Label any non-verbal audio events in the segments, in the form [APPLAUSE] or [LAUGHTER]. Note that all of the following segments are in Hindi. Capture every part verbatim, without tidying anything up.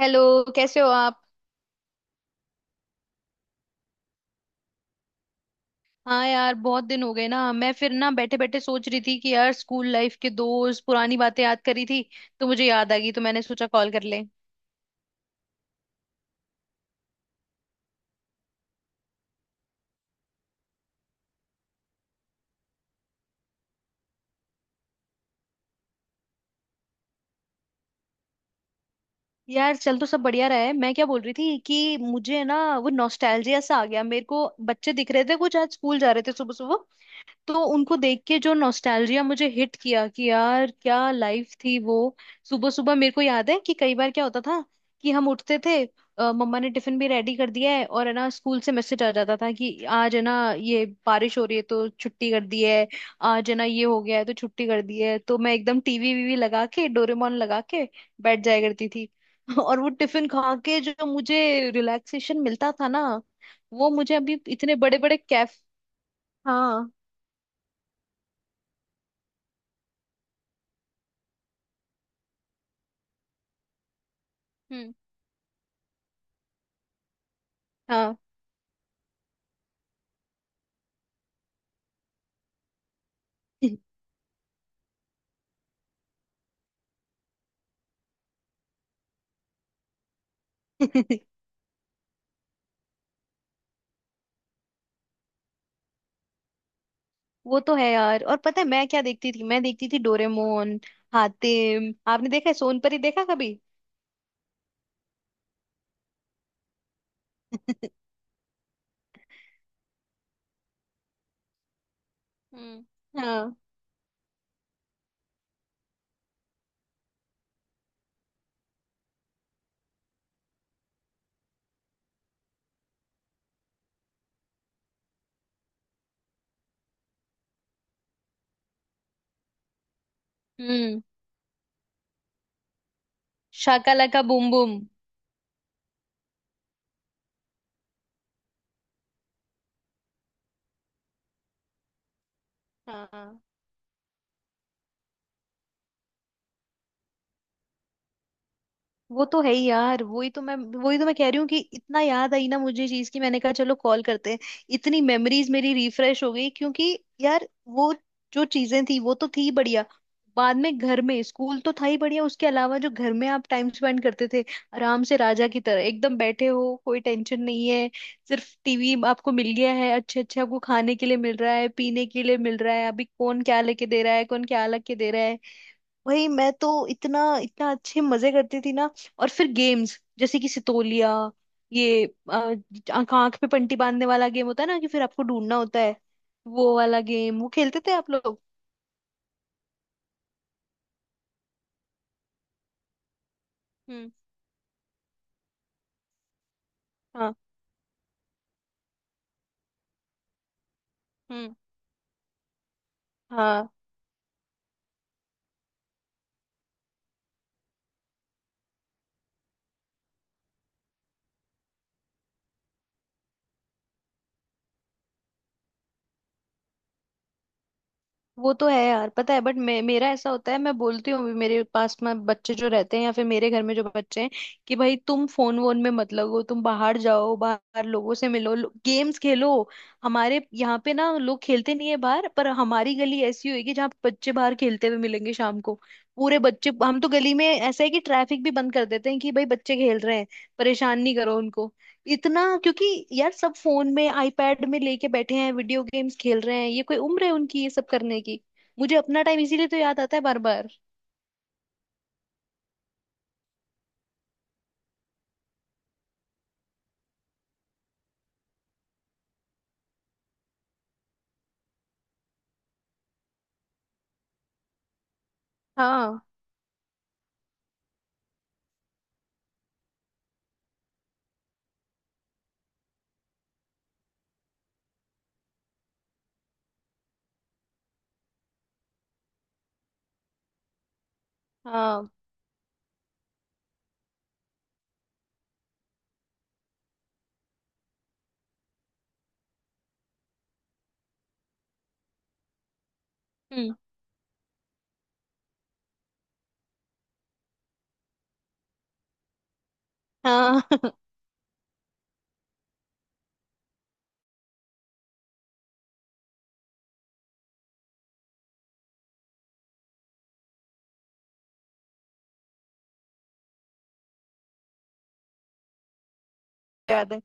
हेलो। कैसे हो आप। हाँ यार, बहुत दिन हो गए ना। मैं फिर ना बैठे बैठे सोच रही थी कि यार स्कूल लाइफ के दोस्त, पुरानी बातें याद करी थी, तो मुझे याद आ गई तो मैंने सोचा कॉल कर ले। यार चल तो सब बढ़िया रहा है। मैं क्या बोल रही थी कि मुझे ना वो नॉस्टैल्जिया सा आ गया। मेरे को बच्चे दिख रहे थे, कुछ आज स्कूल जा रहे थे सुबह सुबह, तो उनको देख के जो नॉस्टैल्जिया मुझे हिट किया कि यार क्या लाइफ थी वो। सुबह सुबह मेरे को याद है कि कई बार क्या होता था कि हम उठते थे। अ, मम्मा ने टिफिन भी रेडी कर दिया है और है ना स्कूल से मैसेज आ जाता था कि आज है ना ये बारिश हो रही है तो छुट्टी कर दी है। आज है ना ये हो गया है तो छुट्टी कर दी है, तो मैं एकदम टीवी वीवी लगा के, डोरेमोन लगा के बैठ जाया करती थी। [LAUGHS] और वो टिफिन खा के जो मुझे रिलैक्सेशन मिलता था ना, वो मुझे अभी इतने बड़े बड़े कैफ। हाँ। हम्म। हाँ। [LAUGHS] वो तो है यार। और पता है मैं क्या देखती थी? मैं देखती थी डोरेमोन, हातिम। आपने देखा है सोनपरी देखा कभी? हम्म। हाँ। हम्म। Shaka laka boom boom. हाँ, वो तो है ही यार। वही तो मैं वही तो मैं कह रही हूँ कि इतना याद आई ना मुझे चीज की, मैंने कहा चलो कॉल करते हैं। इतनी मेमोरीज मेरी रिफ्रेश हो गई क्योंकि यार वो, जो चीजें थी वो तो थी बढ़िया। बाद में घर में, स्कूल तो था ही बढ़िया, उसके अलावा जो घर में आप टाइम स्पेंड करते थे, आराम से राजा की तरह एकदम बैठे हो, कोई टेंशन नहीं है। सिर्फ टीवी आपको मिल गया है, अच्छे अच्छे आपको खाने के लिए मिल रहा है, पीने के लिए मिल रहा है, अभी कौन क्या लेके दे रहा है, कौन क्या लेके दे रहा है। वही, मैं तो इतना इतना अच्छे मजे करती थी ना। और फिर गेम्स, जैसे कि सितोलिया, ये आंख आंख पे पट्टी बांधने वाला गेम होता है ना कि फिर आपको ढूंढना होता है, वो वाला गेम वो खेलते थे आप लोग? हम्म। हाँ। हम्म। हाँ। वो तो है यार। पता है बट मे, मेरा ऐसा होता है, मैं बोलती हूँ भी मेरे पास में बच्चे जो रहते हैं या फिर मेरे घर में जो बच्चे हैं कि भाई तुम फोन वोन में मत लगो, तुम बाहर जाओ, बाहर लोगों से मिलो, गेम्स खेलो। हमारे यहाँ पे ना लोग खेलते नहीं है बाहर। पर हमारी गली ऐसी होगी जहाँ बच्चे बाहर खेलते हुए मिलेंगे शाम को। पूरे बच्चे, हम तो गली में ऐसा है कि ट्रैफिक भी बंद कर देते हैं कि भाई बच्चे खेल रहे हैं, परेशान नहीं करो उनको इतना। क्योंकि यार सब फोन में, आईपैड में लेके बैठे हैं, वीडियो गेम्स खेल रहे हैं। ये कोई उम्र है उनकी ये सब करने की? मुझे अपना टाइम इसीलिए तो याद आता है बार बार। हाँ। हाँ। हम्म। हाँ। [LAUGHS] याद है,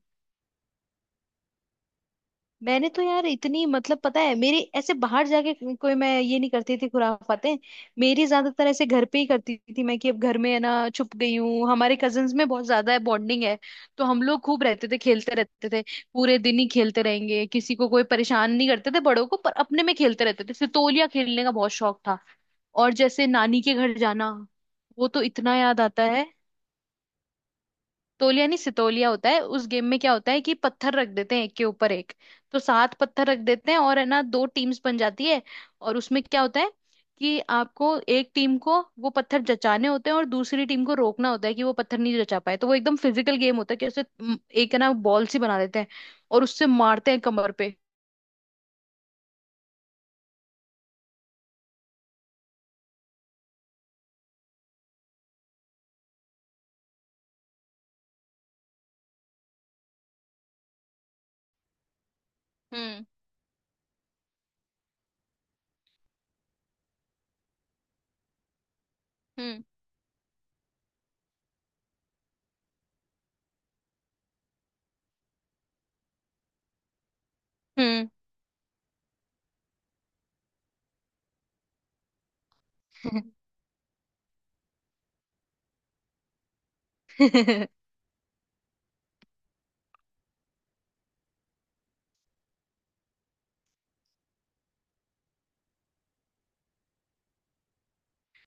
मैंने तो यार इतनी, मतलब पता है मेरी ऐसे बाहर जाके कोई मैं ये नहीं करती थी खुराफातें। मेरी ज्यादातर ऐसे घर पे ही करती थी मैं, कि अब घर में है ना छुप गई हूँ। हमारे कजन्स में बहुत ज्यादा है बॉन्डिंग है, तो हम लोग खूब रहते थे, खेलते रहते थे। पूरे दिन ही खेलते रहेंगे, किसी को कोई परेशान नहीं करते थे, बड़ों को। पर अपने में खेलते रहते थे, सितोलिया खेलने का बहुत शौक था। और जैसे नानी के घर जाना, वो तो इतना याद आता है। तोलिया नहीं, सितोलिया होता है। उस गेम में क्या होता है कि पत्थर रख देते हैं एक के ऊपर एक, तो सात पत्थर रख देते हैं, और है ना दो टीम्स बन जाती है। और उसमें क्या होता है कि आपको एक टीम को वो पत्थर जचाने होते हैं और दूसरी टीम को रोकना होता है कि वो पत्थर नहीं जचा पाए। तो वो एकदम फिजिकल गेम होता है कि उसे म, एक है ना बॉल सी बना देते हैं और उससे मारते हैं कमर पे। हम्म। हम्म। हम्म। [LAUGHS]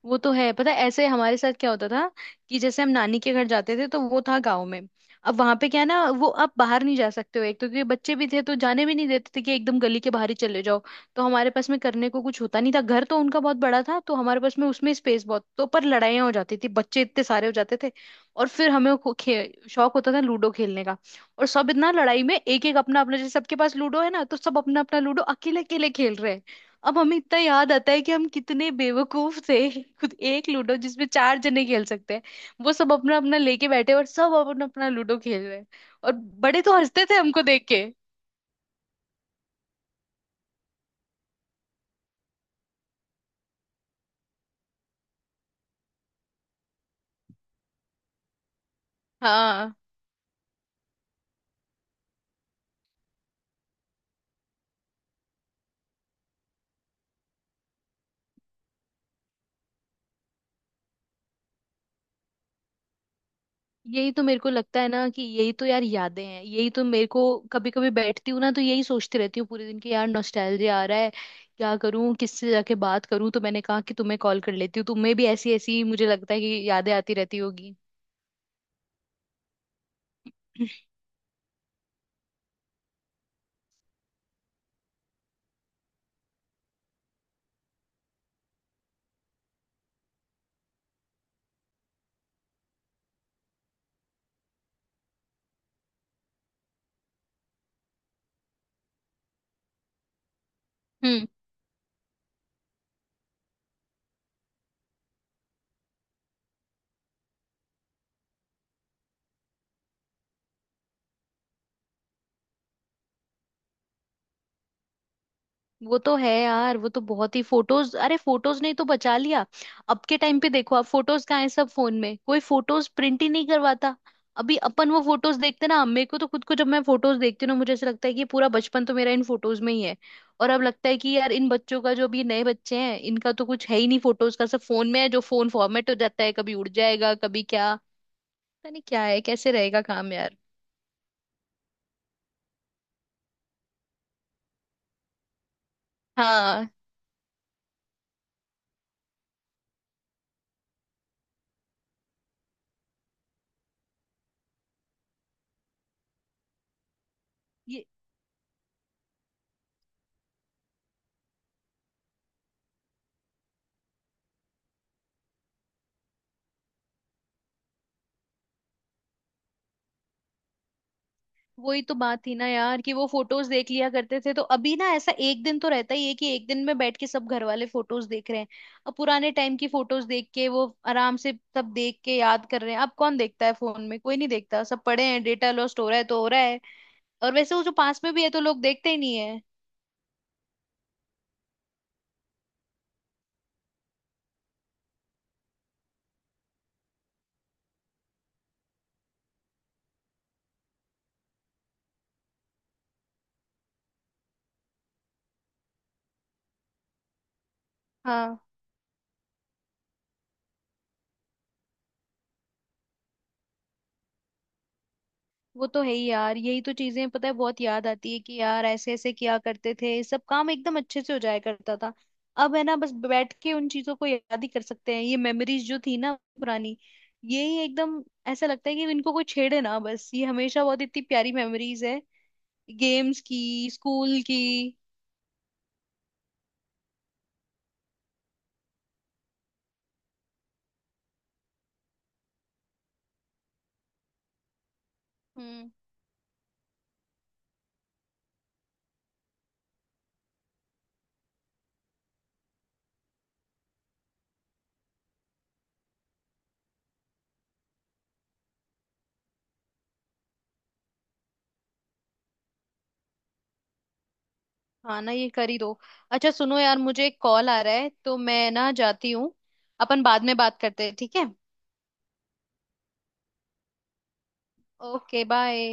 वो तो है। पता है ऐसे हमारे साथ क्या होता था कि जैसे हम नानी के घर जाते थे, तो वो था गांव में। अब वहां पे क्या है ना, वो आप बाहर नहीं जा सकते हो, एक तो क्योंकि बच्चे भी थे तो जाने भी नहीं देते थे कि एकदम गली के बाहर ही चले जाओ। तो हमारे पास में करने को कुछ होता नहीं था। घर तो उनका बहुत बड़ा था तो हमारे पास में उसमें स्पेस बहुत, तो पर लड़ाइयाँ हो जाती थी, बच्चे इतने सारे हो जाते थे। और फिर हमें खो- खे- शौक होता था लूडो खेलने का। और सब इतना लड़ाई में, एक एक अपना अपना, जैसे सबके पास लूडो है ना, तो सब अपना अपना लूडो अकेले अकेले खेल रहे हैं। अब हमें इतना याद आता है कि हम कितने बेवकूफ थे। [LAUGHS] खुद एक लूडो जिसमें चार जने खेल सकते हैं, वो सब अपना अपना लेके बैठे, और सब अपना अपना लूडो खेल रहे हैं। और बड़े तो हंसते थे हमको देख के। हाँ। यही तो मेरे को लगता है ना कि यही तो यार यादें हैं। यही तो मेरे को कभी कभी बैठती हूँ ना तो यही सोचती रहती हूँ पूरे दिन की, यार नॉस्टैल्जिया आ रहा है, क्या करूँ, किससे जाके बात करूँ, तो मैंने कहा कि तुम्हें कॉल कर लेती हूँ। तुम्हें भी ऐसी ऐसी मुझे लगता है कि यादें आती रहती होगी। [LAUGHS] हम्म। वो तो है यार, वो तो बहुत ही फोटोज, अरे फोटोज नहीं तो बचा लिया। अब के टाइम पे देखो आप फोटोज कहाँ है, सब फोन में, कोई फोटोज प्रिंट ही नहीं करवाता। अभी अपन वो फोटोज देखते ना, मेरे को तो खुद को जब मैं फोटोज देखती हूँ ना मुझे ऐसा लगता है कि पूरा बचपन तो मेरा इन फोटोज में ही है। और अब लगता है कि यार इन बच्चों का, जो अभी नए बच्चे हैं, इनका तो कुछ है ही नहीं फोटोज का, सब फोन में है। जो फोन फॉर्मेट हो जाता है, कभी उड़ जाएगा, कभी क्या, पता नहीं क्या है कैसे रहेगा काम यार। हाँ। वही तो बात थी ना यार कि वो फोटोज देख लिया करते थे। तो अभी ना ऐसा एक दिन तो रहता ही है कि एक दिन में बैठ के सब घर वाले फोटोज देख रहे हैं, अब पुराने टाइम की फोटोज देख के वो आराम से सब देख के याद कर रहे हैं। अब कौन देखता है, फोन में कोई नहीं देखता, सब पड़े हैं, डेटा लॉस्ट हो रहा है तो हो रहा है। और वैसे वो जो पास में भी है तो लोग देखते ही नहीं है। हाँ। वो तो है ही यार, यही तो चीजें पता है बहुत याद आती है कि यार ऐसे ऐसे किया करते थे, सब काम एकदम अच्छे से हो जाया करता था। अब है ना, बस बैठ के उन चीजों को याद ही कर सकते हैं। ये मेमोरीज जो थी ना, पुरानी, यही एकदम, ऐसा लगता है कि इनको कोई छेड़े ना बस, ये हमेशा, बहुत इतनी प्यारी मेमोरीज है, गेम्स की, स्कूल की। हम्म। हाँ ना, ये कर ही दो। अच्छा सुनो यार, मुझे एक कॉल आ रहा है तो मैं ना जाती हूँ। अपन बाद में बात करते हैं, ठीक है। Okay, bye.